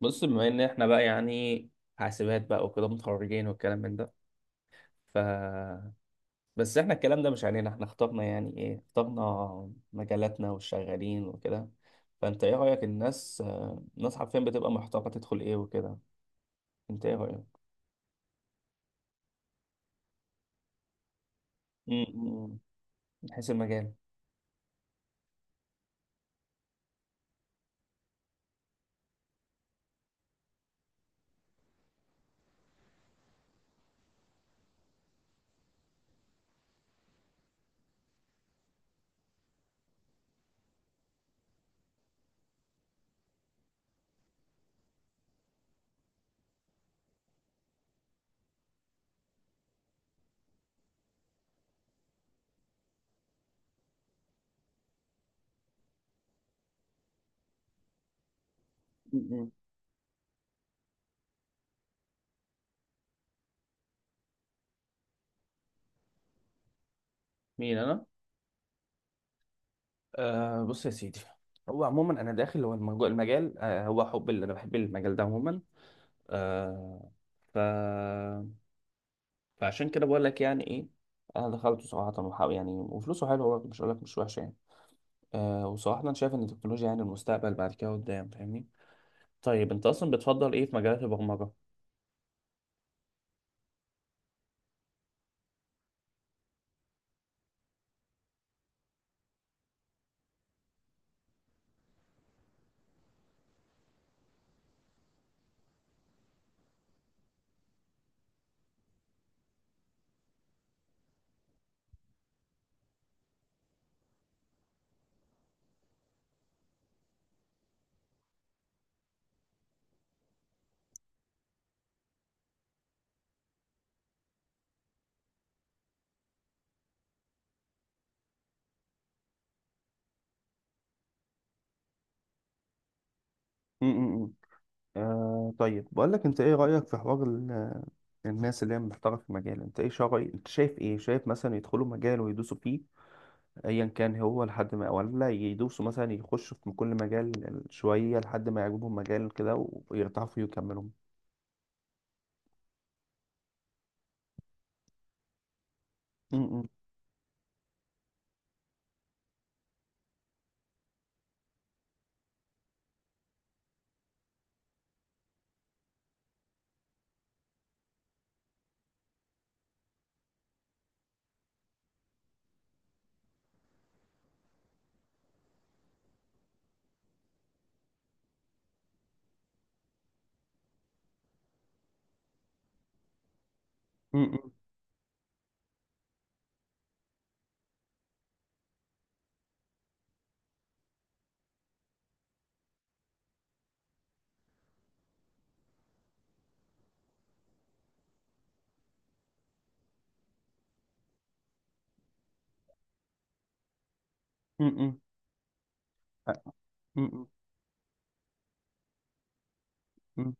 بص بما ان احنا بقى يعني حاسبات بقى وكده متخرجين والكلام من ده. ف بس احنا الكلام ده مش علينا، احنا اخترنا يعني ايه، اخترنا مجالاتنا والشغالين وكده. فانت ايه رأيك؟ الناس الناس حرفيا بتبقى محتاره تدخل ايه وكده. انت ايه رأيك؟ م- م- من حيث المجال. م- م. مين انا؟ آه، بص يا سيدي. هو عموما انا داخل، هو المجال، هو حب اللي انا بحب المجال ده عموما. آه ف فعشان كده بقول لك يعني ايه، انا دخلته صراحه يعني، وفلوسه حلوه برضه، مش هقول لك مش وحشه يعني. وصراحه انا شايف ان التكنولوجيا يعني المستقبل بعد كده قدام، فاهمني؟ طيب انت اصلا بتفضل ايه في مجالات البرمجه؟ امم. آه، طيب بقول لك، انت ايه رأيك في حوار الناس اللي هي محترفه في المجال؟ انت ايه شرعي، انت شايف ايه؟ شايف مثلا يدخلوا مجال ويدوسوا فيه ايا كان هو لحد ما، ولا يدوسوا مثلا يخشوا في كل مجال شوية لحد ما يعجبهم مجال كده ويرتاحوا فيه ويكملوا؟ امم. امم. امم. مم.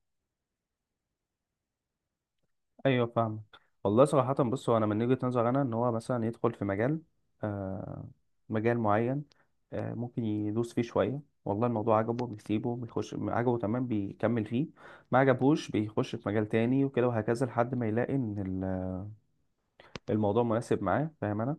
ايوه، فاهمك. والله صراحة، بص، هو انا من وجهة نظر انا ان هو مثلا يدخل في مجال، آه مجال معين، آه، ممكن يدوس فيه شوية، والله الموضوع عجبه بيسيبه، بيخش عجبه تمام بيكمل فيه، ما عجبهوش بيخش في مجال تاني وكده وهكذا لحد ما يلاقي ان ال- الموضوع مناسب معاه، فاهم انا؟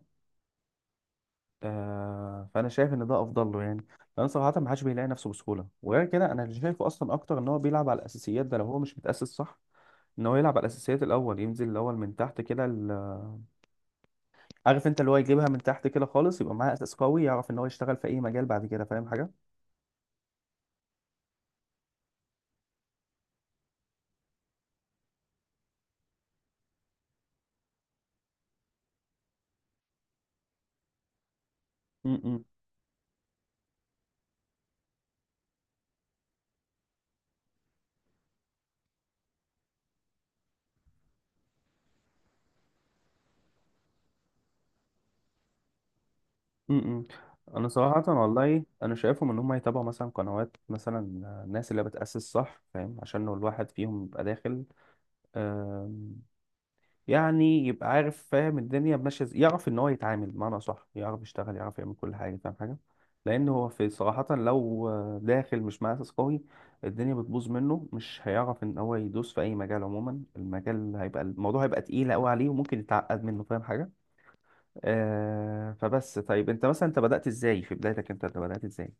فانا شايف ان ده افضل له يعني. لان صراحة ما حدش بيلاقي نفسه بسهولة. وغير كده، انا اللي شايفه اصلا اكتر ان هو بيلعب على الاساسيات. ده لو هو مش متأسس صح، ان هو يلعب على الاساسيات الاول، ينزل الاول من تحت كده. عارف انت اللي هو يجيبها من تحت كده خالص، يبقى معاه اساس قوي، يعرف ان هو يشتغل في اي مجال بعد كده، فاهم حاجه؟ امم. امم. انا صراحه، والله انا شايفهم ان هم يتابعوا مثلا قنوات، مثلا الناس اللي بتاسس صح، فاهم؟ عشان لو الواحد فيهم يبقى داخل يعني، يبقى عارف، فاهم الدنيا ماشيه ازاي، يعرف ان هو يتعامل بمعنى صح، يعرف يشتغل، يعرف يعمل كل حاجه، فاهم حاجه؟ لان هو في صراحه، لو داخل مش مع اساس قوي، الدنيا بتبوظ منه، مش هيعرف ان هو يدوس في اي مجال عموما. المجال هيبقى الموضوع هيبقى تقيل قوي عليه، وممكن يتعقد منه، فاهم حاجه؟ فبس طيب، انت مثلا انت بدات ازاي في بدايتك؟ انت بدات ازاي؟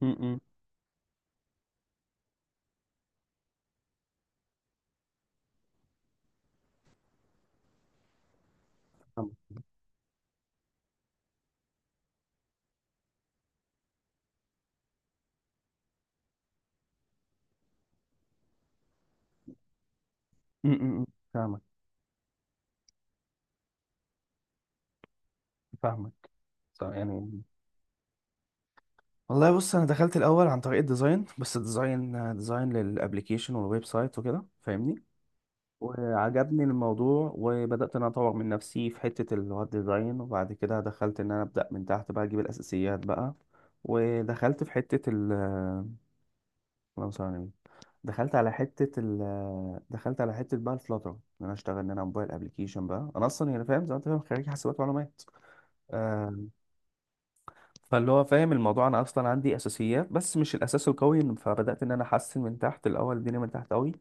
م- م. فاهمك. م- م- م. فاهمك. فاهمك. صح يعني. والله، بص، انا دخلت الاول عن طريق الديزاين. بس الديزاين، ديزاين للابليكيشن والويب سايت وكده، فاهمني؟ وعجبني الموضوع، وبدات ان انا اطور من نفسي في حته اللي هو الديزاين. وبعد كده دخلت ان انا ابدا من تحت بقى، اجيب الاساسيات بقى، ودخلت في حته ال... اللهم صل على النبي. دخلت على حته ال... دخلت على حته بقى الفلاتر، ان انا اشتغل ان انا موبايل ابلكيشن بقى. انا اصلا يعني فاهم، زي ما انت فاهم، خريج حاسبات ومعلومات. آه، فاللي هو فاهم الموضوع، انا اصلا عندي اساسيات بس مش الاساس القوي. فبدات ان انا احسن من تحت الاول، الدنيا من تحت قوي.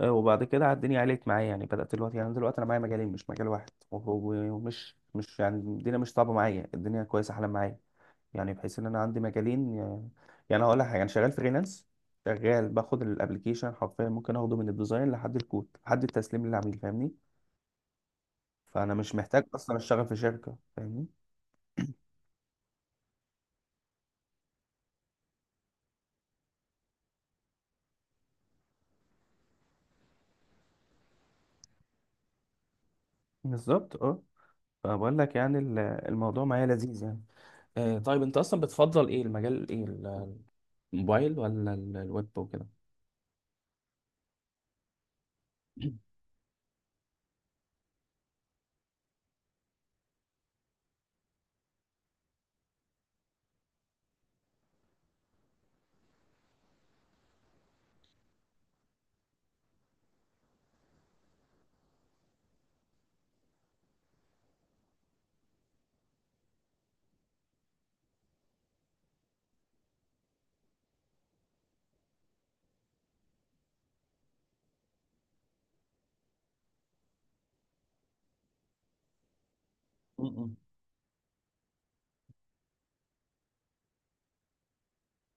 وبعد كده على الدنيا عليت معايا يعني. بدات دلوقتي، يعني دلوقتي انا معايا مجالين مش مجال واحد. ومش مش يعني، الدنيا مش صعبه معايا، الدنيا كويسه، احلى معايا يعني. بحيث ان انا عندي مجالين. يعني هقول لك حاجه، انا شغال فريلانس، شغال باخد الابلكيشن حرفيا، ممكن اخده من الديزاين لحد الكود لحد التسليم للعميل، فاهمني؟ فانا مش محتاج اصلا اشتغل في شركه، فاهمني؟ بالظبط، اه. فبقول لك يعني الموضوع معايا لذيذ يعني. آه، طيب، انت اصلا بتفضل ايه، المجال ايه؟ الموبايل ولا الويب وكده؟ م-م.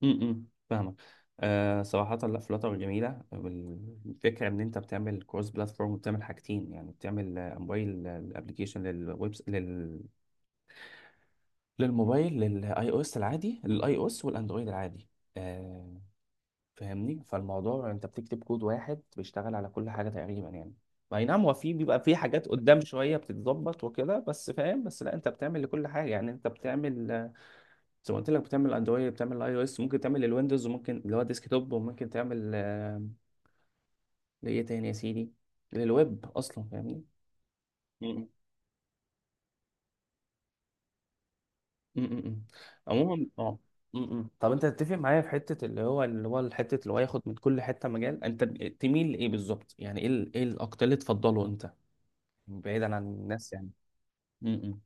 م-م. فاهمك. آه، صراحة لا، فلاتر جميلة. الفكرة ان انت بتعمل كروس بلاتفورم وبتعمل حاجتين يعني. بتعمل موبايل الابلكيشن، للويب، للموبايل، للاي او اس العادي، للاي او اس والاندرويد العادي، فاهمني؟ فالموضوع انت بتكتب كود واحد بيشتغل على كل حاجه تقريبا يعني. اي نعم، هو في بيبقى في حاجات قدام شويه بتتظبط وكده بس، فاهم؟ بس لا، انت بتعمل لكل حاجه يعني. انت بتعمل زي ما قلت لك، بتعمل اندرويد، بتعمل اي او اس، ممكن تعمل للويندوز، وممكن اللي هو ديسك توب، وممكن تعمل لايه تاني يا سيدي، للويب اصلا، فاهمني؟ مم. م- م- م. عموما اه. م- م. طب انت تتفق معايا في حته اللي هو حته اللي هو ياخد من كل حته مجال؟ انت تميل لايه بالظبط؟ يعني ايه ايه الاكتر اللي تفضله انت، بعيدا عن الناس يعني؟ امم.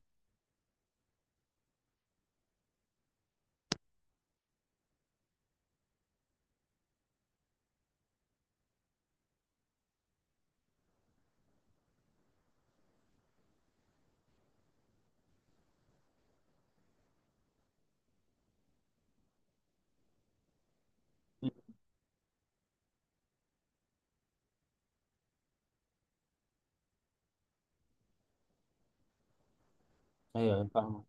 ايوه، أيوة، فاهمه.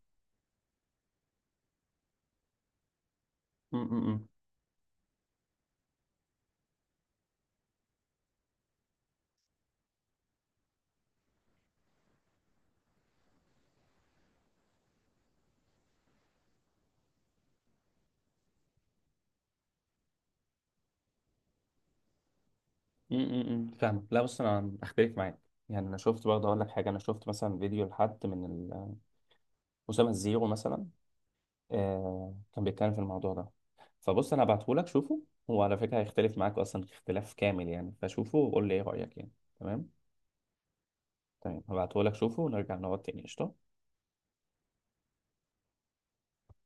امم. امم. فاهمه. لا، بص، انا اختلف معاك يعني. انا شفت برضه، اقول لك حاجه، انا شفت مثلا فيديو لحد من اسامه الزيرو مثلا. كان بيتكلم في الموضوع ده. فبص، انا هبعته لك شوفه. هو على فكره هيختلف معاك اصلا اختلاف كامل يعني. فشوفه وقول لي ايه رايك يعني. تمام. تمام، هبعته لك شوفه، ونرجع نقعد تاني، قشطه.